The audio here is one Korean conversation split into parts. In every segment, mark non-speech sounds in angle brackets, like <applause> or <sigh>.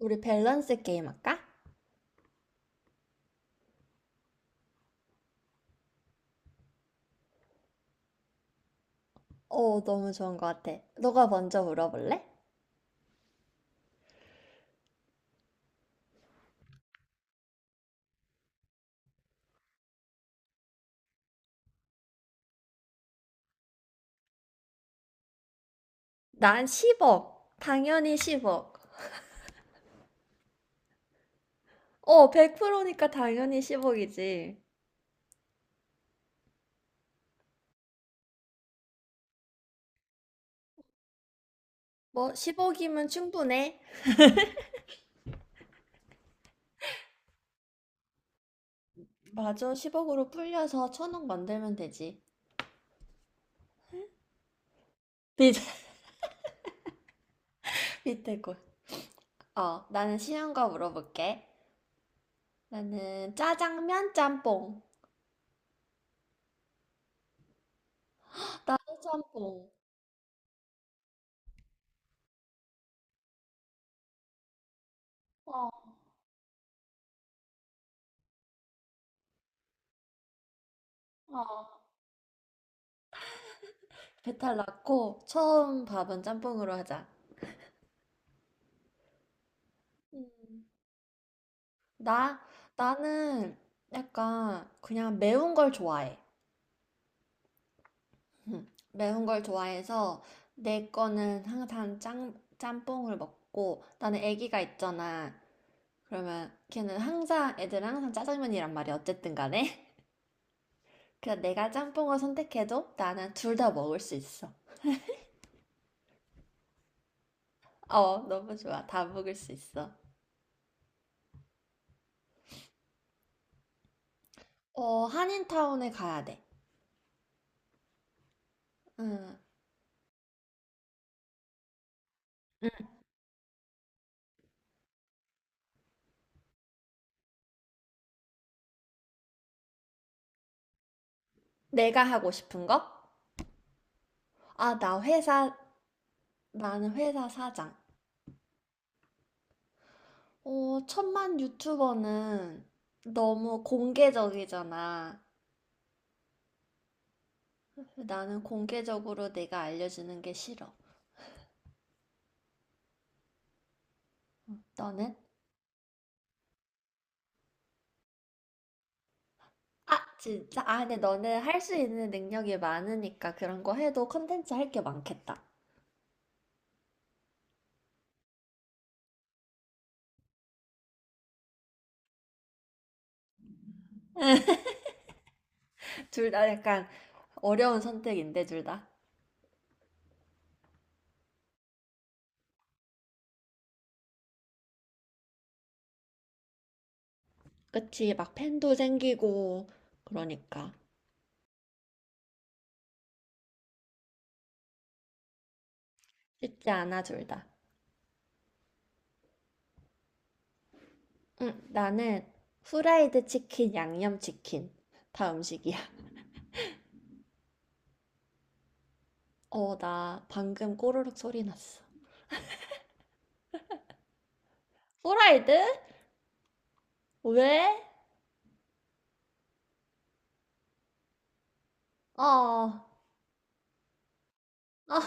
우리 밸런스 게임 할까? 너무 좋은 것 같아. 너가 먼저 물어볼래? 난 10억. 당연히 10억. 100%니까 당연히 10억이지. 뭐, 10억이면 충분해. 맞아, 10억으로 풀려서 1000억 만들면 되지. 밑에, <laughs> 밑에 거. 나는 쉬운 거 물어볼게. 나는 짜장면 짬뽕. 나도 짬뽕. 어, 배탈 났고, 처음 밥은 짬뽕으로 하자. 음. 나, 나는 약간 그냥 매운 걸 좋아해. <laughs> 매운 걸 좋아해서 내 거는 항상 짬뽕을 먹고 나는 애기가 있잖아. 그러면 걔는 항상 애들은 항상 짜장면이란 말이야. 어쨌든 간에. <laughs> 그래서 내가 짬뽕을 선택해도 나는 둘 다 먹을 수 있어. 어, 너무 좋아. 다 먹을 수 있어. 어, 한인타운에 가야 돼. 음, 내가 하고 싶은 거? 아, 나 회사, 나는 회사 사장. 천만 유튜버는 너무 공개적이잖아. 나는 공개적으로 내가 알려주는 게 싫어. 너는? 아, 진짜? 아, 근데 너는 할 수 있는 능력이 많으니까 그런 거 해도 컨텐츠 할 게 많겠다. <laughs> 둘 다 약간 어려운 선택인데, 둘 다. 그치, 막 팬도 생기고, 그러니까. 쉽지 않아, 둘 다. 응, 나는 후라이드 치킨, 양념 치킨. 다 음식이야. 어, 나 방금 꼬르륵 소리 났어. 후라이드? 왜? 아, 아,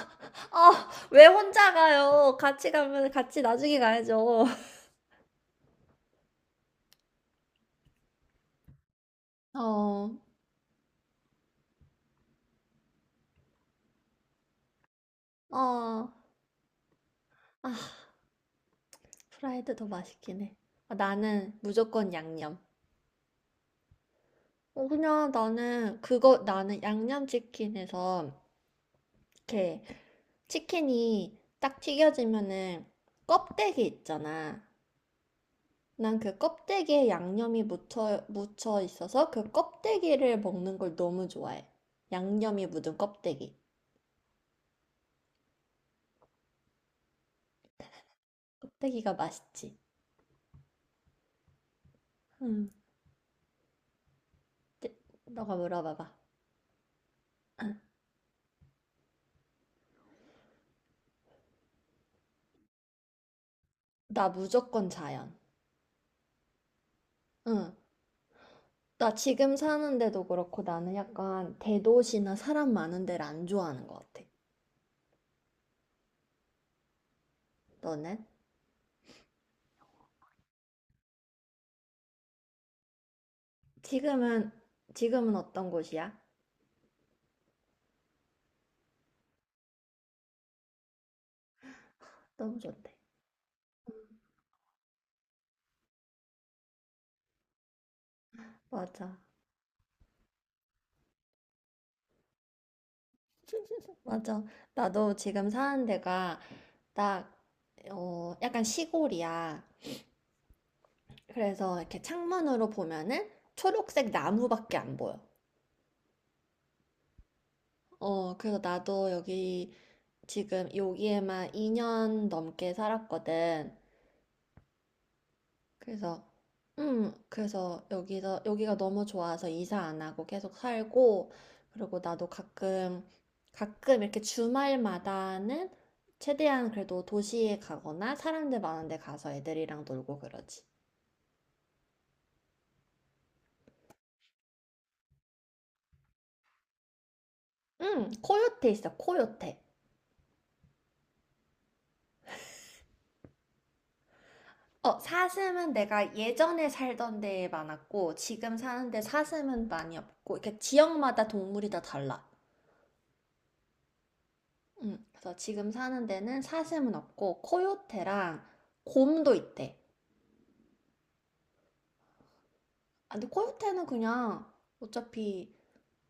아, 왜 혼자 가요? 같이 가면 같이 나중에 가야죠. <laughs> 어, 어, 아, 프라이드 더 맛있긴 해. 아, 나는 무조건 양념. 그냥 나는 나는 양념치킨에서 이렇게 치킨이 딱 튀겨지면은 껍데기 있잖아. 난 그 껍데기에 양념이 묻혀 있어서 그 껍데기를 먹는 걸 너무 좋아해. 양념이 묻은 껍데기. 껍데기가 맛있지. 응. 네, 너가 물어봐봐. 나 무조건 자연. 응. 나 지금 사는데도 그렇고 나는 약간 대도시나 사람 많은 데를 안 좋아하는 것 같아. 너는? 지금은, 지금은 어떤 곳이야? 너무 좋대. 맞아. <laughs> 맞아. 나도 지금 사는 데가 나, 어, 약간 시골이야. 그래서 이렇게 창문으로 보면은 초록색 나무밖에 안 보여. 어, 그래서 나도 여기 지금 여기에만 2년 넘게 살았거든. 그래서, 그래서 여기서, 여기가 너무 좋아서 이사 안 하고 계속 살고, 그리고 나도 가끔 이렇게 주말마다는 최대한 그래도 도시에 가거나 사람들 많은 데 가서 애들이랑 놀고 그러지. 응, 코요테 있어, 코요테. 어, 사슴은 내가 예전에 살던 데에 많았고, 지금 사는데 사슴은 많이 없고, 이렇게 지역마다 동물이 다 달라. 응, 그래서 지금 사는 데는 사슴은 없고, 코요테랑 곰도 있대. 아, 근데 코요테는 그냥 어차피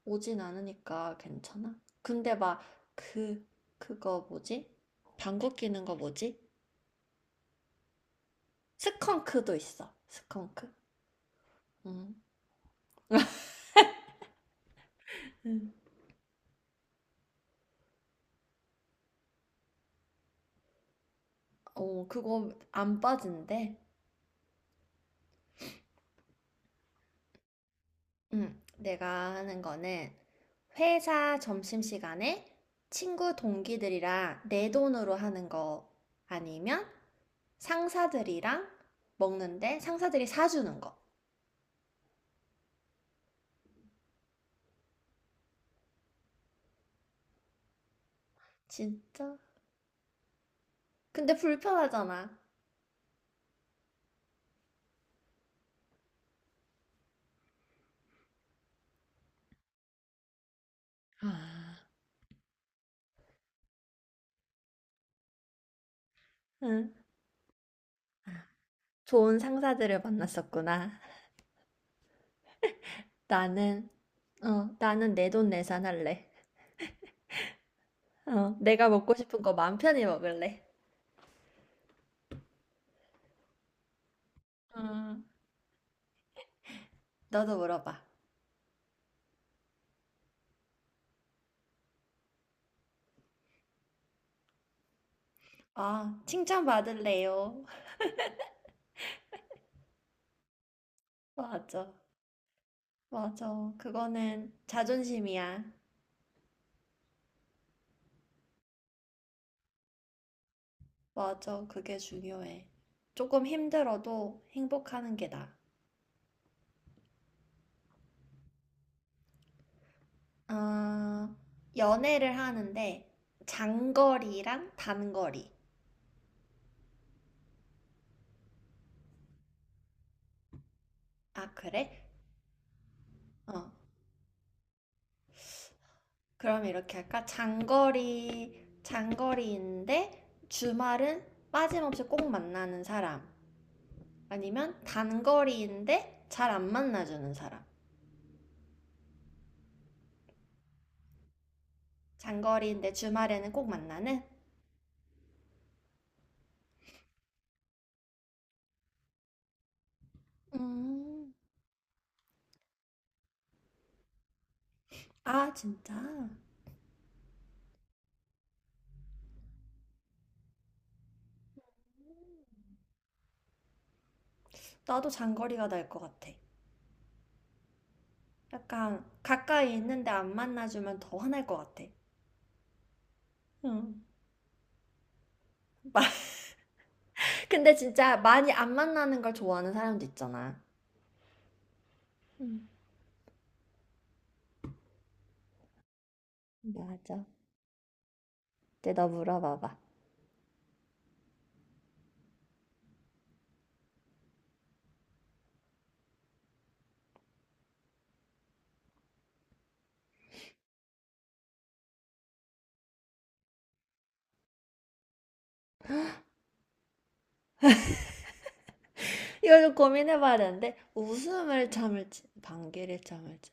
오진 않으니까 괜찮아. 근데 막, 그, 그거 뭐지? 방귀 뀌는 거 뭐지? 스컹크도 있어, 스컹크. 응. <laughs> 어, 그거 안 빠진대. 응, 내가 하는 거는 회사 점심시간에 친구 동기들이랑 내 돈으로 하는 거 아니면 상사들이랑 먹는데 상사들이 사주는 거. 진짜? 근데 불편하잖아. 아, 응. 좋은 상사들을 만났었구나. 나는, 어, 나는 내 돈 내산할래. 어, 내가 먹고 싶은 거 마음 편히 먹을래. 음, 너도 물어봐. 아, 칭찬받을래요. <laughs> 맞아. 맞아. 그거는 자존심이야. 맞아. 그게 중요해. 조금 힘들어도 행복하는 게 나아. 아, 연애를 하는데 장거리랑 단거리. 아, 그래? 어. 그럼 이렇게 할까? 장거리인데 주말은 빠짐없이 꼭 만나는 사람. 아니면 단거리인데 잘 안 만나주는 사람. 장거리인데 주말에는 꼭 만나는? 음, 아, 진짜? 나도 장거리가 날 것 같아. 약간 가까이 있는데 안 만나주면 더 화날 것 같아. 응. 마- <laughs> 근데 진짜 많이 안 만나는 걸 좋아하는 사람도 있잖아. 응. 맞아. 이제 너 물어봐봐. 이거 좀 고민해봐야 되는데 웃음을 참을지 방귀를 참을지.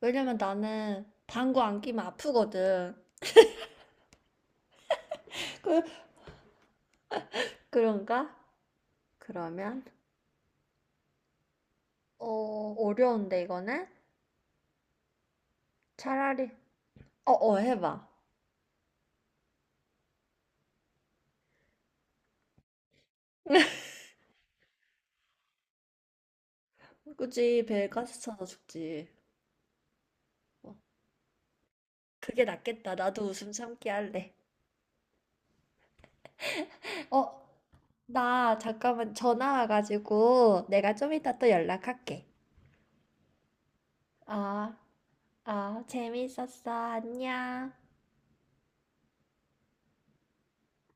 왜냐면 나는 방구 안 끼면 아프거든. 그, 그런가? 그러면 어, 어려운데 이거는? 차라리 어어 해봐. 굳이 배에 가스 차서 죽지. 뭐. 그게 낫겠다. 나도 웃음 참기 할래. 어, 나 잠깐만 전화 와가지고 내가 좀 이따 또 연락할게. 아, 아, 재밌었어. 안녕.